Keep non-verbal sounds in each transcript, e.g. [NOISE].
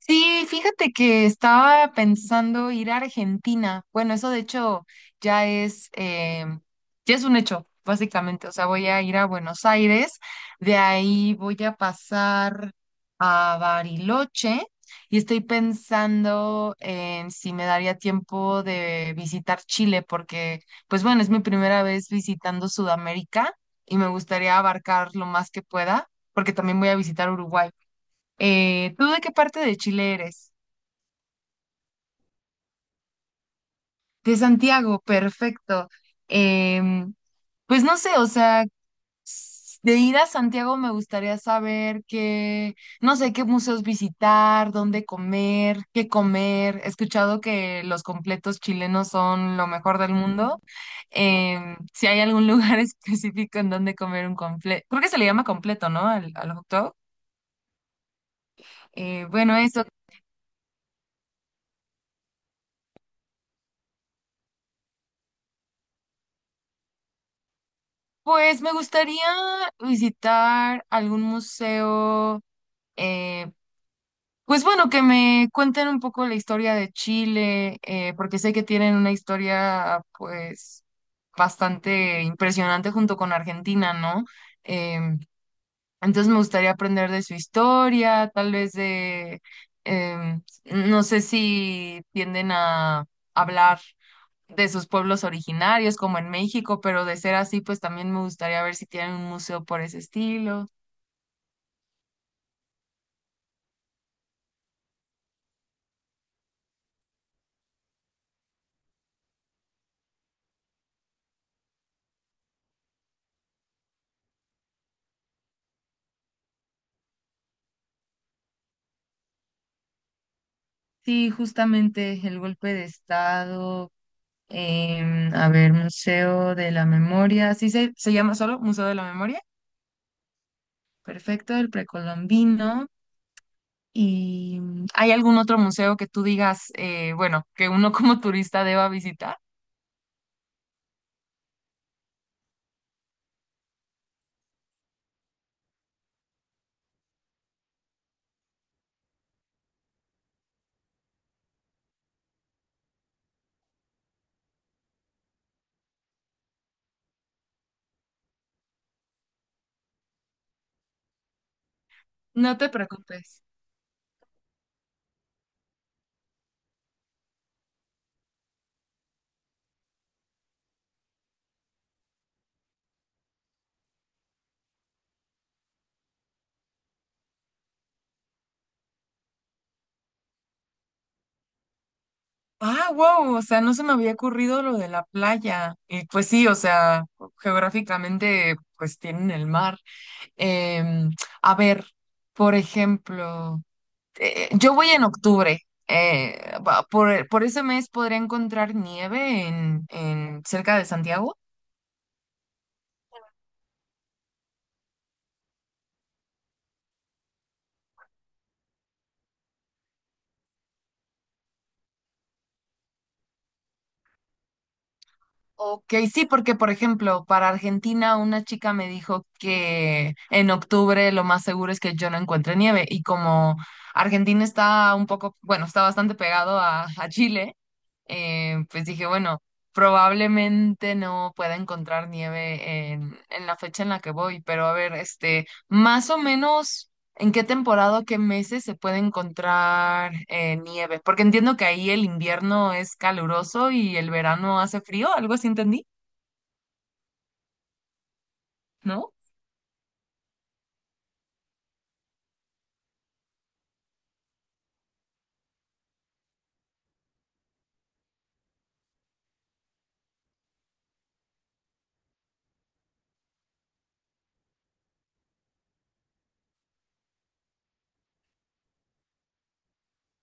Sí, fíjate que estaba pensando ir a Argentina. Bueno, eso de hecho ya es, eh, ya es un hecho, básicamente. O sea, voy a ir a Buenos Aires, de ahí voy a pasar a Bariloche y estoy pensando en si me daría tiempo de visitar Chile, porque, pues bueno, es mi primera vez visitando Sudamérica y me gustaría abarcar lo más que pueda, porque también voy a visitar Uruguay. ¿tú de qué parte de Chile eres? De Santiago, perfecto. Em, pues no sé, o sea, de ir a Santiago me gustaría saber qué, no sé, qué museos visitar, dónde comer, qué comer. He escuchado que los completos chilenos son lo mejor del mundo. Em, si hay algún lugar [LAUGHS] específico en donde comer un completo, creo que se le llama completo, ¿no? Al hot dog. Bueno, eso. Pues me gustaría visitar algún museo, eh, pues bueno, que me cuenten un poco la historia de Chile, porque sé que tienen una historia pues bastante impresionante junto con Argentina, ¿no? Em, entonces me gustaría aprender de su historia, tal vez de, em, no sé si tienden a hablar de sus pueblos originarios, como en México, pero de ser así, pues también me gustaría ver si tienen un museo por ese estilo. Sí, justamente el golpe de estado. A ver, Museo de la Memoria, ¿sí se llama solo Museo de la Memoria? Perfecto, el precolombino. ¿Y hay algún otro museo que tú digas, bueno, que uno como turista deba visitar? No te preocupes. Ah, wow, o sea, no se me había ocurrido lo de la playa. Y pues sí, o sea, geográficamente, pues tienen el mar. Em, a ver, por ejemplo, yo voy en octubre. eh, por ese mes podría encontrar nieve en cerca de Santiago. Ok, sí, porque por ejemplo, para Argentina una chica me dijo que en octubre lo más seguro es que yo no encuentre nieve y como Argentina está un poco, bueno, está bastante pegado a Chile, pues dije, bueno, probablemente no pueda encontrar nieve en la fecha en la que voy, pero a ver, este, más o menos... ¿En qué temporada, o qué meses se puede encontrar nieve? Porque entiendo que ahí el invierno es caluroso y el verano hace frío, algo así entendí, ¿no?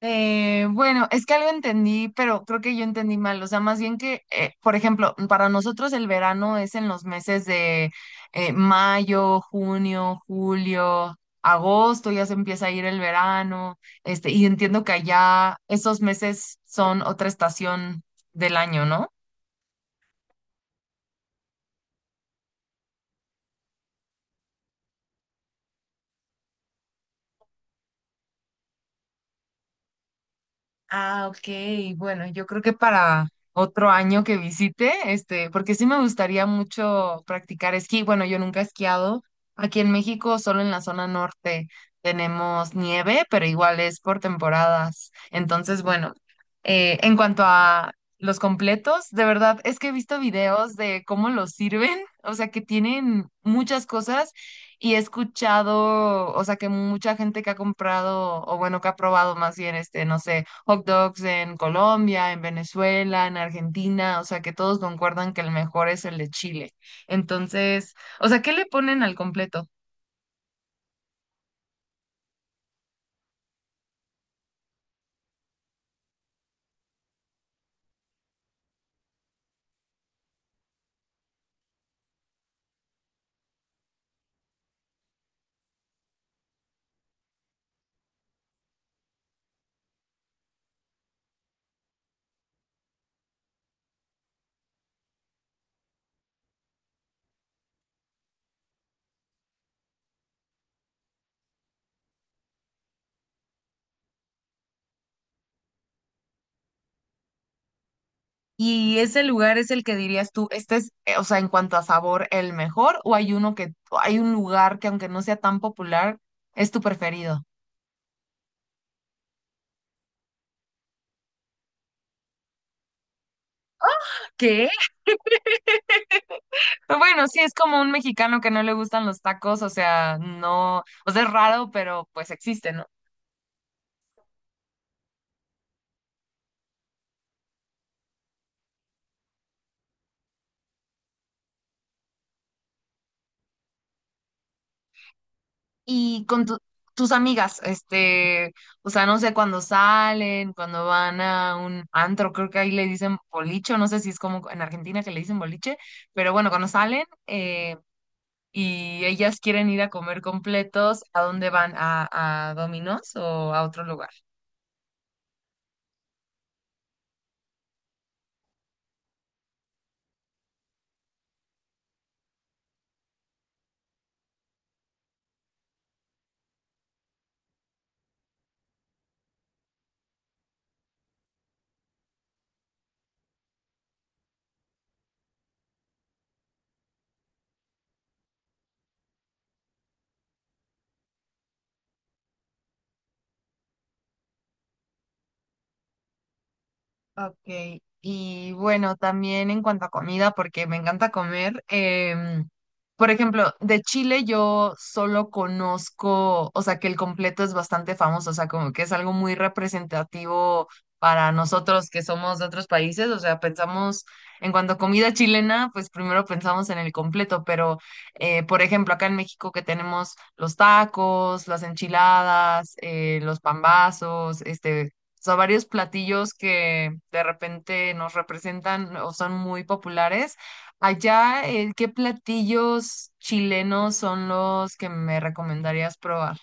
Bueno, es que algo entendí, pero creo que yo entendí mal. O sea, más bien que, por ejemplo, para nosotros el verano es en los meses de mayo, junio, julio, agosto, ya se empieza a ir el verano, este, y entiendo que allá esos meses son otra estación del año, ¿no? Ah, ok. Bueno, yo creo que para otro año que visite, este, porque sí me gustaría mucho practicar esquí. Bueno, yo nunca he esquiado. Aquí en México, solo en la zona norte tenemos nieve, pero igual es por temporadas. Entonces, bueno, en cuanto a los completos, de verdad es que he visto videos de cómo los sirven, [LAUGHS] o sea, que tienen muchas cosas y he escuchado, o sea, que mucha gente que ha comprado, o bueno, que ha probado más bien, este, no sé, hot dogs en Colombia, en Venezuela, en Argentina, o sea que todos concuerdan que el mejor es el de Chile. Entonces, o sea, ¿qué le ponen al completo? ¿Y ese lugar es el que dirías tú, este es, o sea, en cuanto a sabor, el mejor? ¿O hay uno que, o hay un lugar que aunque no sea tan popular, es tu preferido? ¿Qué? Pero bueno, sí, es como un mexicano que no le gustan los tacos, o sea, no, o sea, es raro, pero pues existe, ¿no? Y con tus amigas, este, o sea, no sé, cuando salen, cuando van a un antro, creo que ahí le dicen boliche, o no sé si es como en Argentina que le dicen boliche, pero bueno, cuando salen y ellas quieren ir a comer completos, ¿a dónde van? ¿A Domino's o a otro lugar? Ok, y bueno, también en cuanto a comida, porque me encanta comer. Em, por ejemplo, de Chile yo solo conozco, o sea, que el completo es bastante famoso, o sea, como que es algo muy representativo para nosotros que somos de otros países, o sea, pensamos en cuanto a comida chilena, pues primero pensamos en el completo, pero, por ejemplo, acá en México que tenemos los tacos, las enchiladas, los pambazos, este, o sea, varios platillos que de repente nos representan o son muy populares. Allá, ¿qué platillos chilenos son los que me recomendarías probar?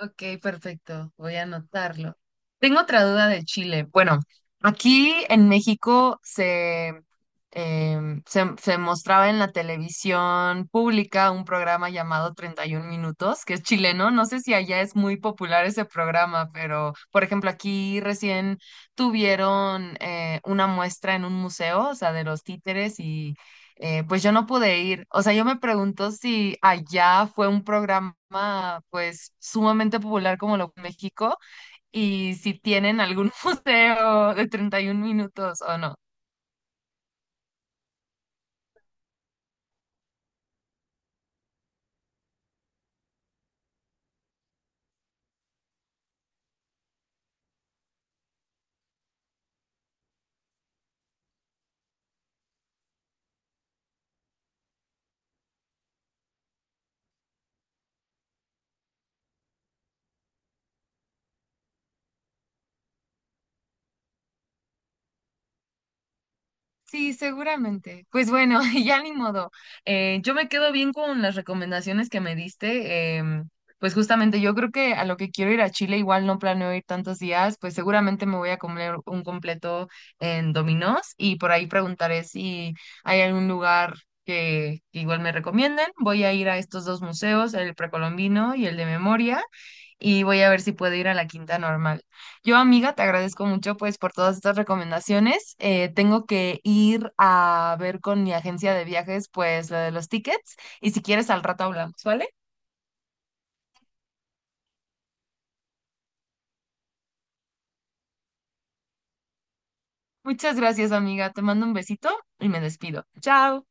Ok, perfecto. Voy a anotarlo. Tengo otra duda de Chile. Bueno, aquí en México se mostraba en la televisión pública un programa llamado 31 Minutos, que es chileno. No sé si allá es muy popular ese programa, pero por ejemplo, aquí recién tuvieron una muestra en un museo, o sea, de los títeres y pues yo no pude ir. O sea, yo me pregunto si allá fue un programa pues sumamente popular como lo de México y si tienen algún [LAUGHS] museo de 31 minutos o no. Sí, seguramente. Pues bueno, [LAUGHS] ya ni modo. Yo me quedo bien con las recomendaciones que me diste. Pues justamente yo creo que a lo que quiero ir a Chile, igual no planeo ir tantos días, pues seguramente me voy a comer un completo en Dominos y por ahí preguntaré si hay algún lugar que igual me recomienden. Voy a ir a estos dos museos, el precolombino y el de memoria y voy a ver si puedo ir a la quinta normal. Yo, amiga, te agradezco mucho pues por todas estas recomendaciones. Tengo que ir a ver con mi agencia de viajes pues lo de los tickets y si quieres al rato hablamos, ¿vale? Muchas gracias, amiga. Te mando un besito y me despido. Chao.